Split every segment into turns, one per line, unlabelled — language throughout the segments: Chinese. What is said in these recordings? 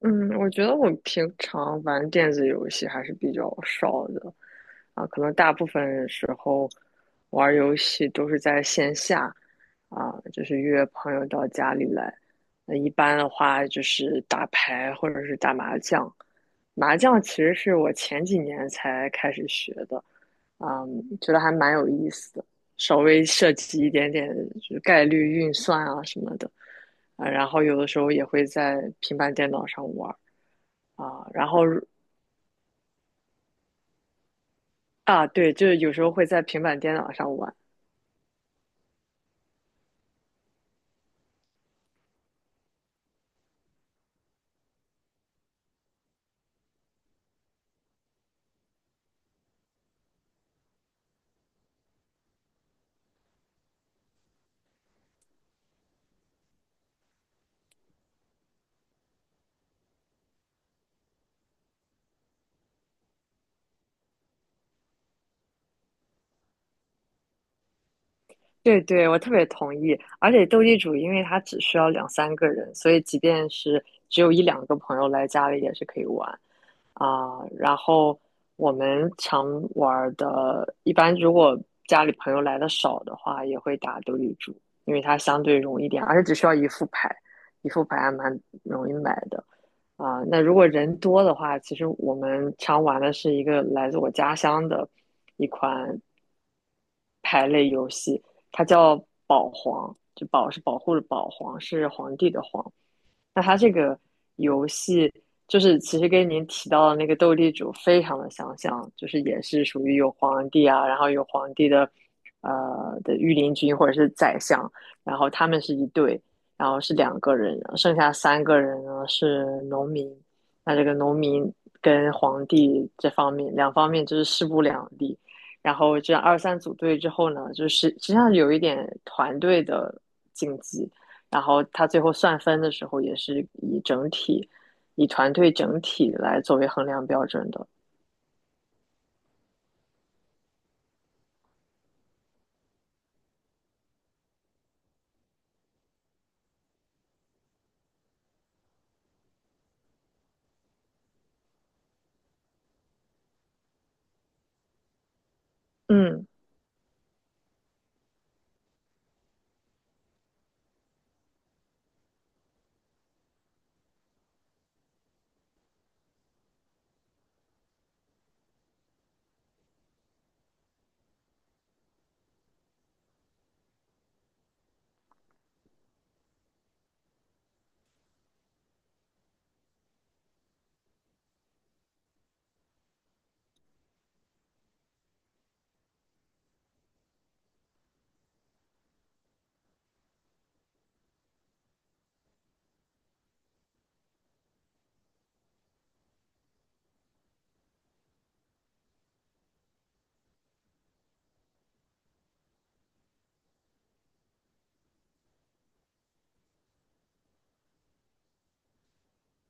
嗯，我觉得我平常玩电子游戏还是比较少的，啊，可能大部分时候玩儿游戏都是在线下，啊，就是约朋友到家里来。那一般的话就是打牌或者是打麻将，麻将其实是我前几年才开始学的，啊，觉得还蛮有意思的，稍微涉及一点点就是概率运算啊什么的。啊，然后有的时候也会在平板电脑上玩儿啊，然后啊，对，就是有时候会在平板电脑上玩。对对，我特别同意。而且斗地主，因为它只需要两三个人，所以即便是只有一两个朋友来家里也是可以玩啊。然后我们常玩儿的，一般如果家里朋友来的少的话，也会打斗地主，因为它相对容易一点，而且只需要一副牌，一副牌还蛮容易买的啊。那如果人多的话，其实我们常玩的是一个来自我家乡的一款牌类游戏。它叫保皇，就保是保护的保，皇是皇帝的皇。那它这个游戏就是其实跟您提到的那个斗地主非常的相像，就是也是属于有皇帝啊，然后有皇帝的御林军或者是宰相，然后他们是一对，然后是两个人，剩下三个人呢是农民。那这个农民跟皇帝这方面两方面就是势不两立，然后这样二三组队之后呢，就是实际上有一点团队的竞技，然后他最后算分的时候也是以整体，以团队整体来作为衡量标准的。嗯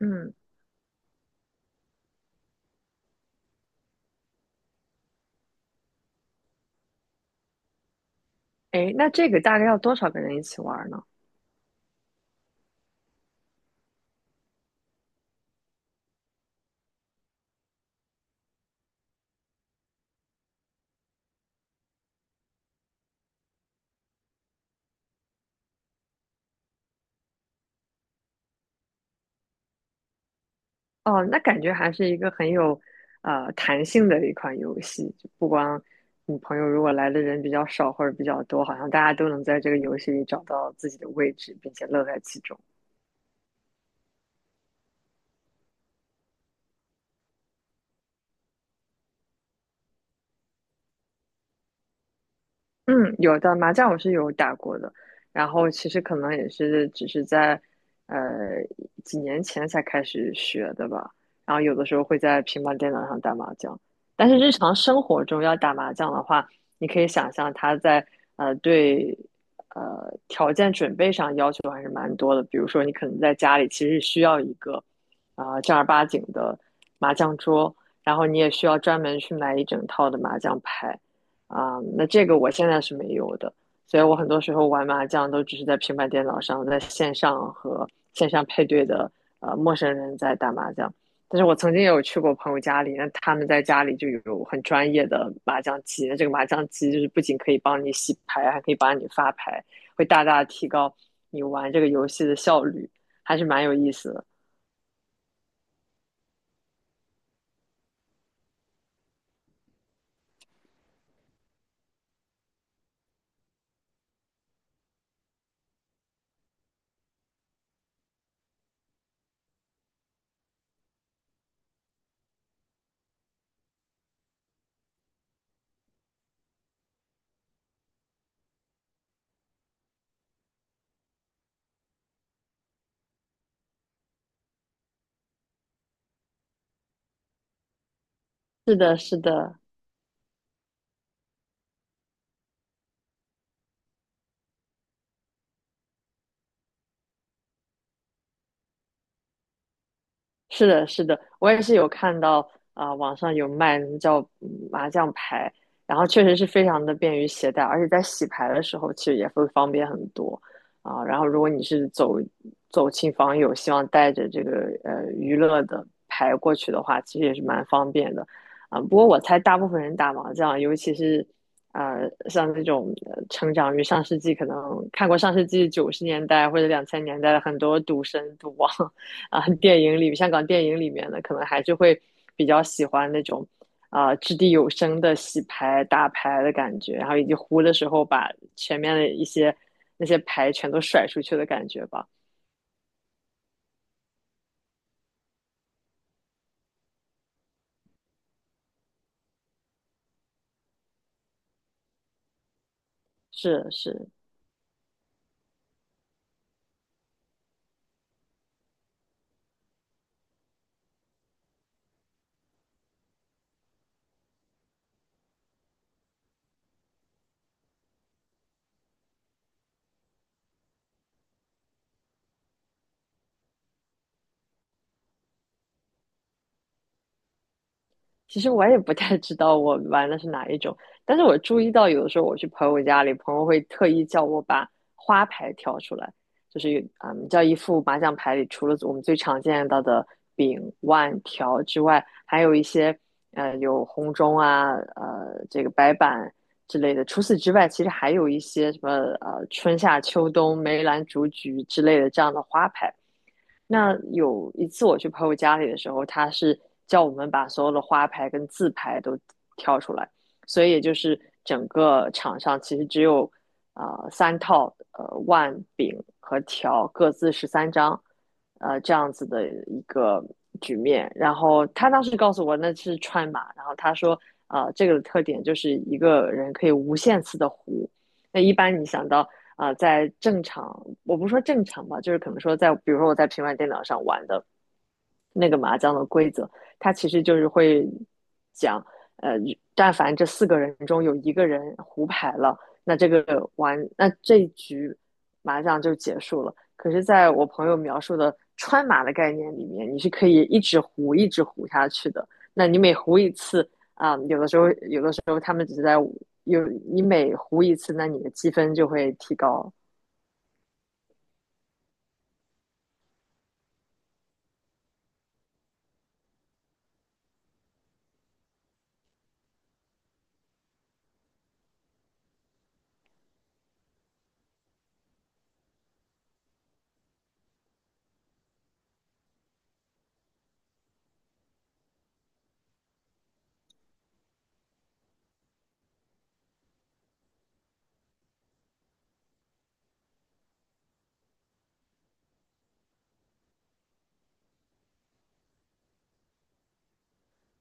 嗯。哎，那这个大概要多少个人一起玩呢？哦，那感觉还是一个很有弹性的一款游戏，就不光你朋友如果来的人比较少或者比较多，好像大家都能在这个游戏里找到自己的位置，并且乐在其中。嗯，有的麻将我是有打过的，然后其实可能也是只是在呃几年前才开始学的吧，然后有的时候会在平板电脑上打麻将，但是日常生活中要打麻将的话，你可以想象它在对条件准备上要求还是蛮多的，比如说你可能在家里其实需要一个啊，正儿八经的麻将桌，然后你也需要专门去买一整套的麻将牌。啊，那这个我现在是没有的，所以我很多时候玩麻将都只是在平板电脑上，在线上和线上配对的陌生人在打麻将。但是我曾经也有去过朋友家里，那他们在家里就有很专业的麻将机，那这个麻将机就是不仅可以帮你洗牌，还可以帮你发牌，会大大提高你玩这个游戏的效率，还是蛮有意思的。是的，是的，是的，是的，我也是有看到啊，网上有卖叫麻将牌，然后确实是非常的便于携带，而且在洗牌的时候其实也会方便很多啊，然后如果你是走亲访友，希望带着这个娱乐的牌过去的话，其实也是蛮方便的啊，不过我猜大部分人打麻将，尤其是像这种成长于上世纪，可能看过上世纪90年代或者2000年代的很多赌神、赌王。啊，电影里香港电影里面的，可能还是会比较喜欢那种啊，掷地有声的洗牌打牌的感觉，然后以及胡的时候把前面的一些那些牌全都甩出去的感觉吧。是是。其实我也不太知道我玩的是哪一种，但是我注意到有的时候我去朋友家里，朋友会特意叫我把花牌挑出来，就是叫一副麻将牌里除了我们最常见到的饼、腕、条之外，还有一些有红中啊，这个白板之类的。除此之外，其实还有一些什么春夏秋冬、梅兰竹菊之类的这样的花牌。那有一次我去朋友家里的时候，他是叫我们把所有的花牌跟字牌都挑出来，所以也就是整个场上其实只有三套万柄和条各自13张，这样子的一个局面。然后他当时告诉我那是川麻，然后他说这个的特点就是一个人可以无限次的胡。那一般你想到啊，在正常，我不说正常吧，就是可能说在，比如说我在平板电脑上玩的那个麻将的规则，它其实就是会讲，呃，但凡这四个人中有一个人胡牌了，那这一局麻将就结束了。可是，在我朋友描述的川麻的概念里面，你是可以一直胡，一直胡下去的。那你每胡一次啊，有的时候他们只是在有你每胡一次，那你的积分就会提高。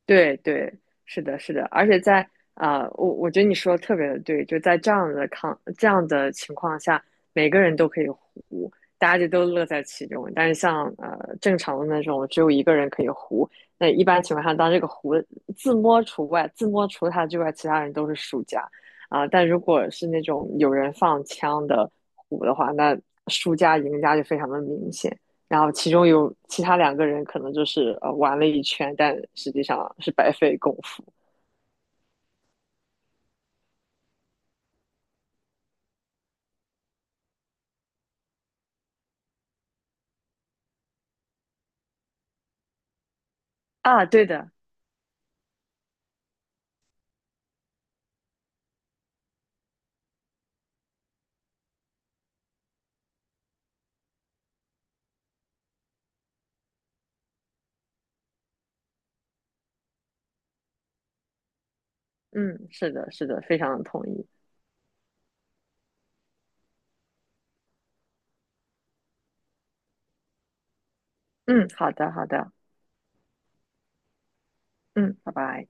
对对，是的，是的，而且在啊，我觉得你说的特别的对，就在这样的情况下，每个人都可以胡，大家就都乐在其中。但是像正常的那种，只有一个人可以胡，那一般情况下，当这个胡自摸除外，自摸除了他之外，其他人都是输家啊，但如果是那种有人放枪的胡的话，那输家赢家就非常的明显。然后其中有其他两个人可能就是玩了一圈，但实际上是白费功夫啊。对的，嗯，是的，是的，非常同意。嗯，好的，好的，嗯，拜拜。